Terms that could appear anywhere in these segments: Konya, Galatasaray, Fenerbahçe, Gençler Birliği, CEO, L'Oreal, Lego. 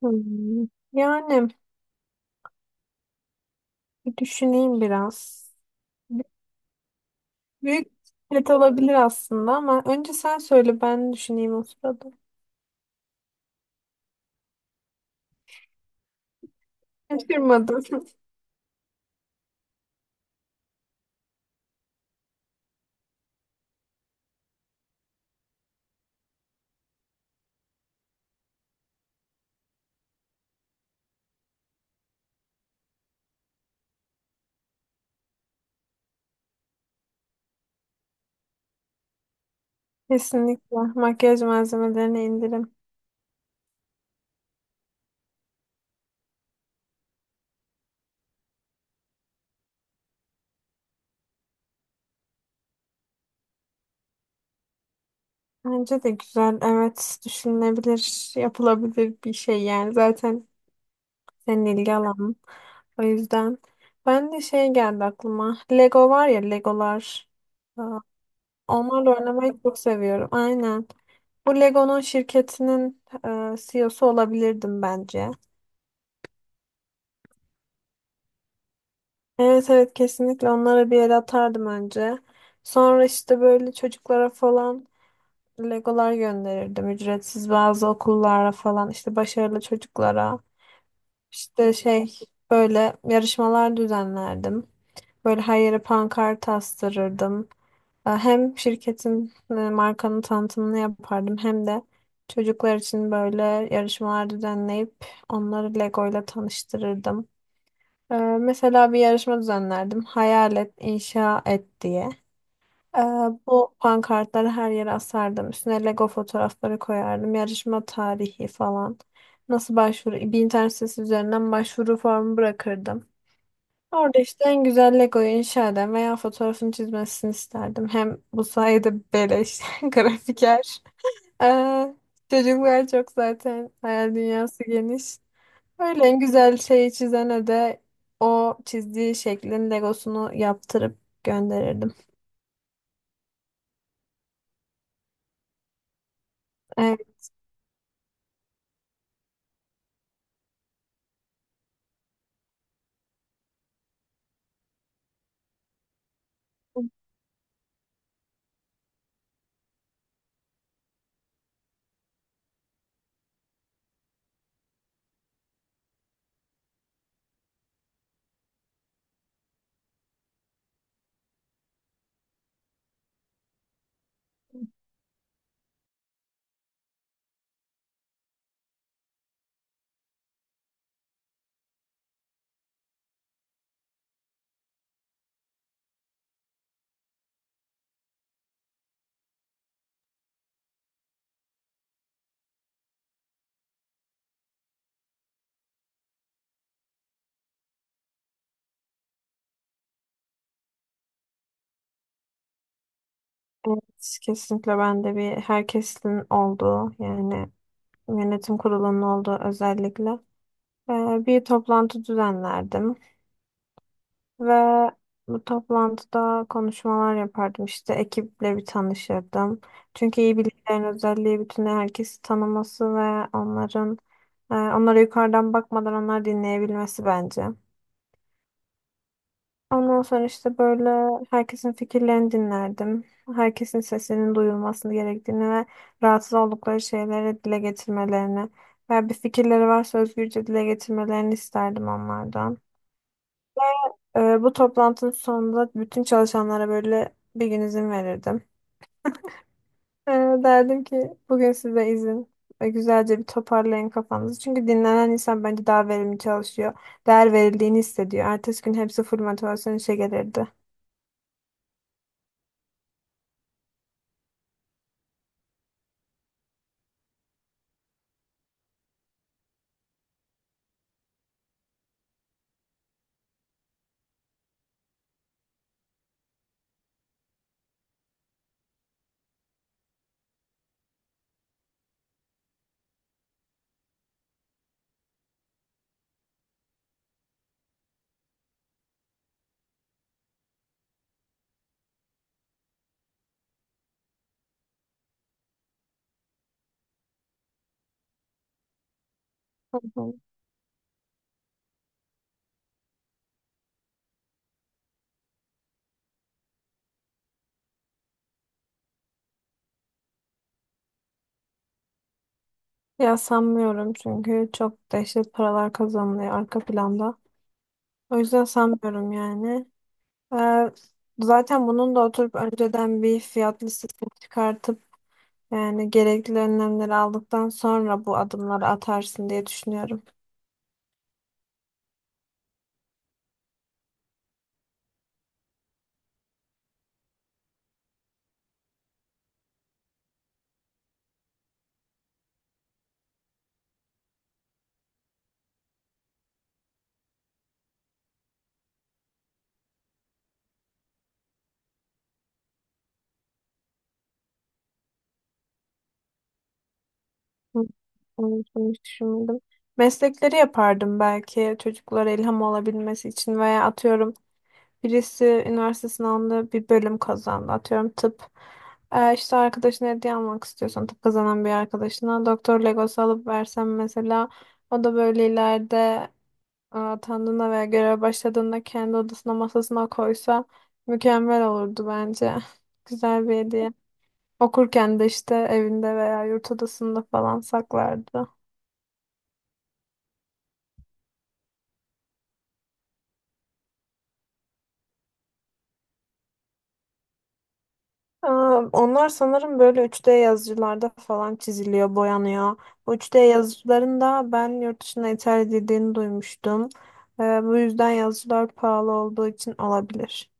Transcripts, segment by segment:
Hmm, Yani bir düşüneyim biraz. Büyük bisiklet olabilir aslında ama önce sen söyle ben düşüneyim o sırada. Şaşırmadım. Kesinlikle makyaj malzemelerine indirim. Bence de güzel. Evet, düşünülebilir, yapılabilir bir şey yani. Zaten senin ilgi alanın. O yüzden ben de şey geldi aklıma. Lego var ya, Legolar. Aa, Onlarla oynamayı çok seviyorum. Aynen. Bu Lego'nun şirketinin CEO'su olabilirdim bence. Evet, evet, kesinlikle onlara bir el atardım önce. Sonra işte böyle çocuklara falan Legolar gönderirdim. Ücretsiz bazı okullara falan, işte başarılı çocuklara. İşte şey, böyle yarışmalar düzenlerdim. Böyle her yere pankart astırırdım. Hem şirketin, markanın tanıtımını yapardım, hem de çocuklar için böyle yarışmalar düzenleyip onları Lego ile tanıştırırdım. Mesela bir yarışma düzenlerdim. Hayal et, inşa et diye. E, Bu pankartları her yere asardım. Üstüne Lego fotoğrafları koyardım. Yarışma tarihi falan. Nasıl başvuru? Bir internet sitesi üzerinden başvuru formu bırakırdım. Orada işte en güzel Lego'yu inşa eden veya fotoğrafını çizmesini isterdim. Hem bu sayede beleş grafiker. Ee, çocuklar çok zaten hayal dünyası geniş. Öyle en güzel şeyi çizene de o çizdiği şeklin Legosunu yaptırıp gönderirdim. Evet. Evet, kesinlikle ben de bir herkesin olduğu, yani yönetim kurulunun olduğu özellikle bir toplantı düzenlerdim. Ve bu toplantıda konuşmalar yapardım. İşte ekiple bir tanışırdım. Çünkü iyi bilgilerin özelliği bütün herkesi tanıması ve onlara yukarıdan bakmadan onları dinleyebilmesi bence. Ondan sonra işte böyle herkesin fikirlerini dinlerdim. Herkesin sesinin duyulmasını gerektiğini ve rahatsız oldukları şeyleri dile getirmelerini veya bir fikirleri varsa özgürce dile getirmelerini isterdim onlardan. Bu toplantının sonunda bütün çalışanlara böyle bir gün izin verirdim. Ee, derdim ki bugün size izin ve güzelce bir toparlayın kafanızı. Çünkü dinlenen insan bence daha verimli çalışıyor. Değer verildiğini hissediyor. Ertesi gün hepsi full motivasyon işe gelirdi. Hı hı. Ya sanmıyorum, çünkü çok dehşet paralar kazanılıyor arka planda. O yüzden sanmıyorum yani. Ee, zaten bunun da oturup önceden bir fiyat listesini çıkartıp yani gerekli önlemleri aldıktan sonra bu adımları atarsın diye düşünüyorum. Hı, Onun hiç düşünmedim. Meslekleri yapardım belki çocuklara ilham olabilmesi için, veya atıyorum birisi üniversite sınavında bir bölüm kazandı. Atıyorum tıp. İşte arkadaşına hediye almak istiyorsan tıp kazanan bir arkadaşına doktor legosu alıp versem mesela, o da böyle ileride atandığında veya göreve başladığında kendi odasına masasına koysa mükemmel olurdu bence. Güzel bir hediye. Okurken de işte evinde veya yurt odasında falan saklardı. Onlar sanırım böyle 3D yazıcılarda falan çiziliyor, boyanıyor. Bu 3D yazıcıların da ben yurt dışına ithal edildiğini duymuştum. Bu yüzden yazıcılar pahalı olduğu için olabilir.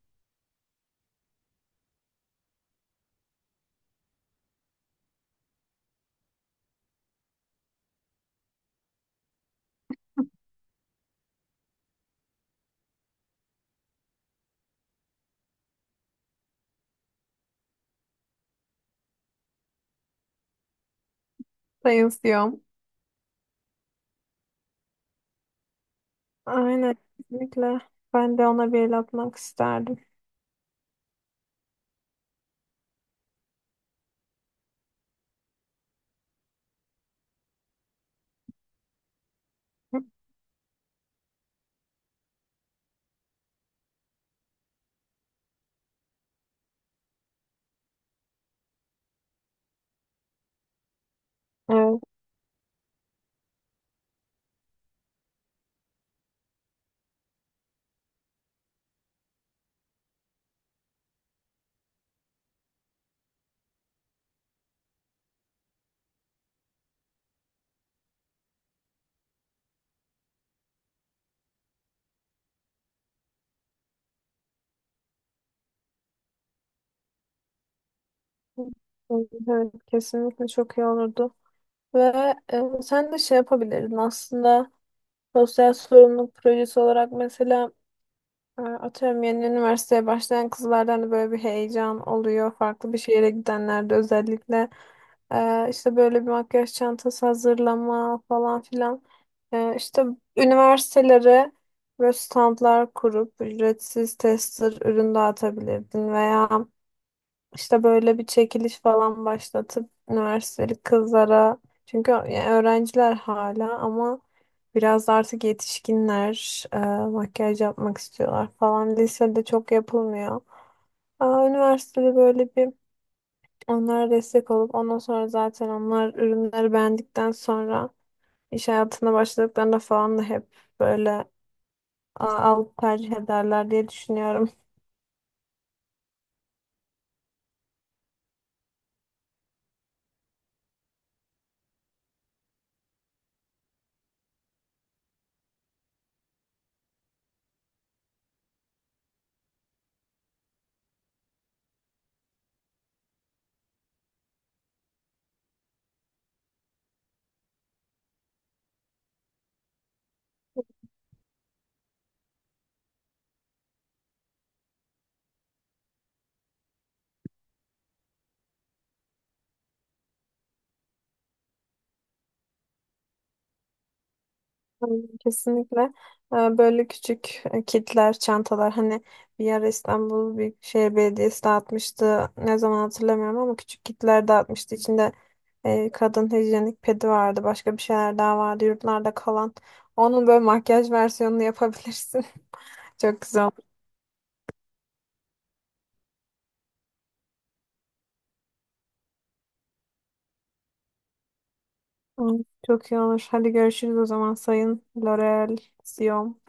Sayın. Aynen, kesinlikle. Ben de ona bir el atmak isterdim. Evet, evet kesinlikle çok iyi olurdu. Ve sen de şey yapabilirdin aslında, sosyal sorumluluk projesi olarak mesela. Atıyorum yeni üniversiteye başlayan kızlardan da böyle bir heyecan oluyor. Farklı bir şehire gidenlerde özellikle. İşte böyle bir makyaj çantası hazırlama falan filan. İşte üniversitelere böyle standlar kurup ücretsiz tester ürün dağıtabilirdin, veya işte böyle bir çekiliş falan başlatıp üniversiteli kızlara, çünkü yani öğrenciler hala ama biraz da artık yetişkinler makyaj yapmak istiyorlar falan. Lisede çok yapılmıyor. Üniversitede böyle bir, onlara destek olup ondan sonra zaten onlar ürünleri beğendikten sonra iş hayatına başladıklarında falan da hep böyle, aa, alıp tercih ederler diye düşünüyorum. Aynen, kesinlikle. Böyle küçük kitler, çantalar hani bir ara İstanbul Büyükşehir Belediyesi dağıtmıştı. Ne zaman hatırlamıyorum ama küçük kitler dağıtmıştı. İçinde kadın hijyenik pedi vardı. Başka bir şeyler daha vardı. Yurtlarda kalan. Onun böyle makyaj versiyonunu yapabilirsin. Çok güzel olur. Hı, Çok iyi olur. Hadi görüşürüz o zaman Sayın L'Oreal Sion.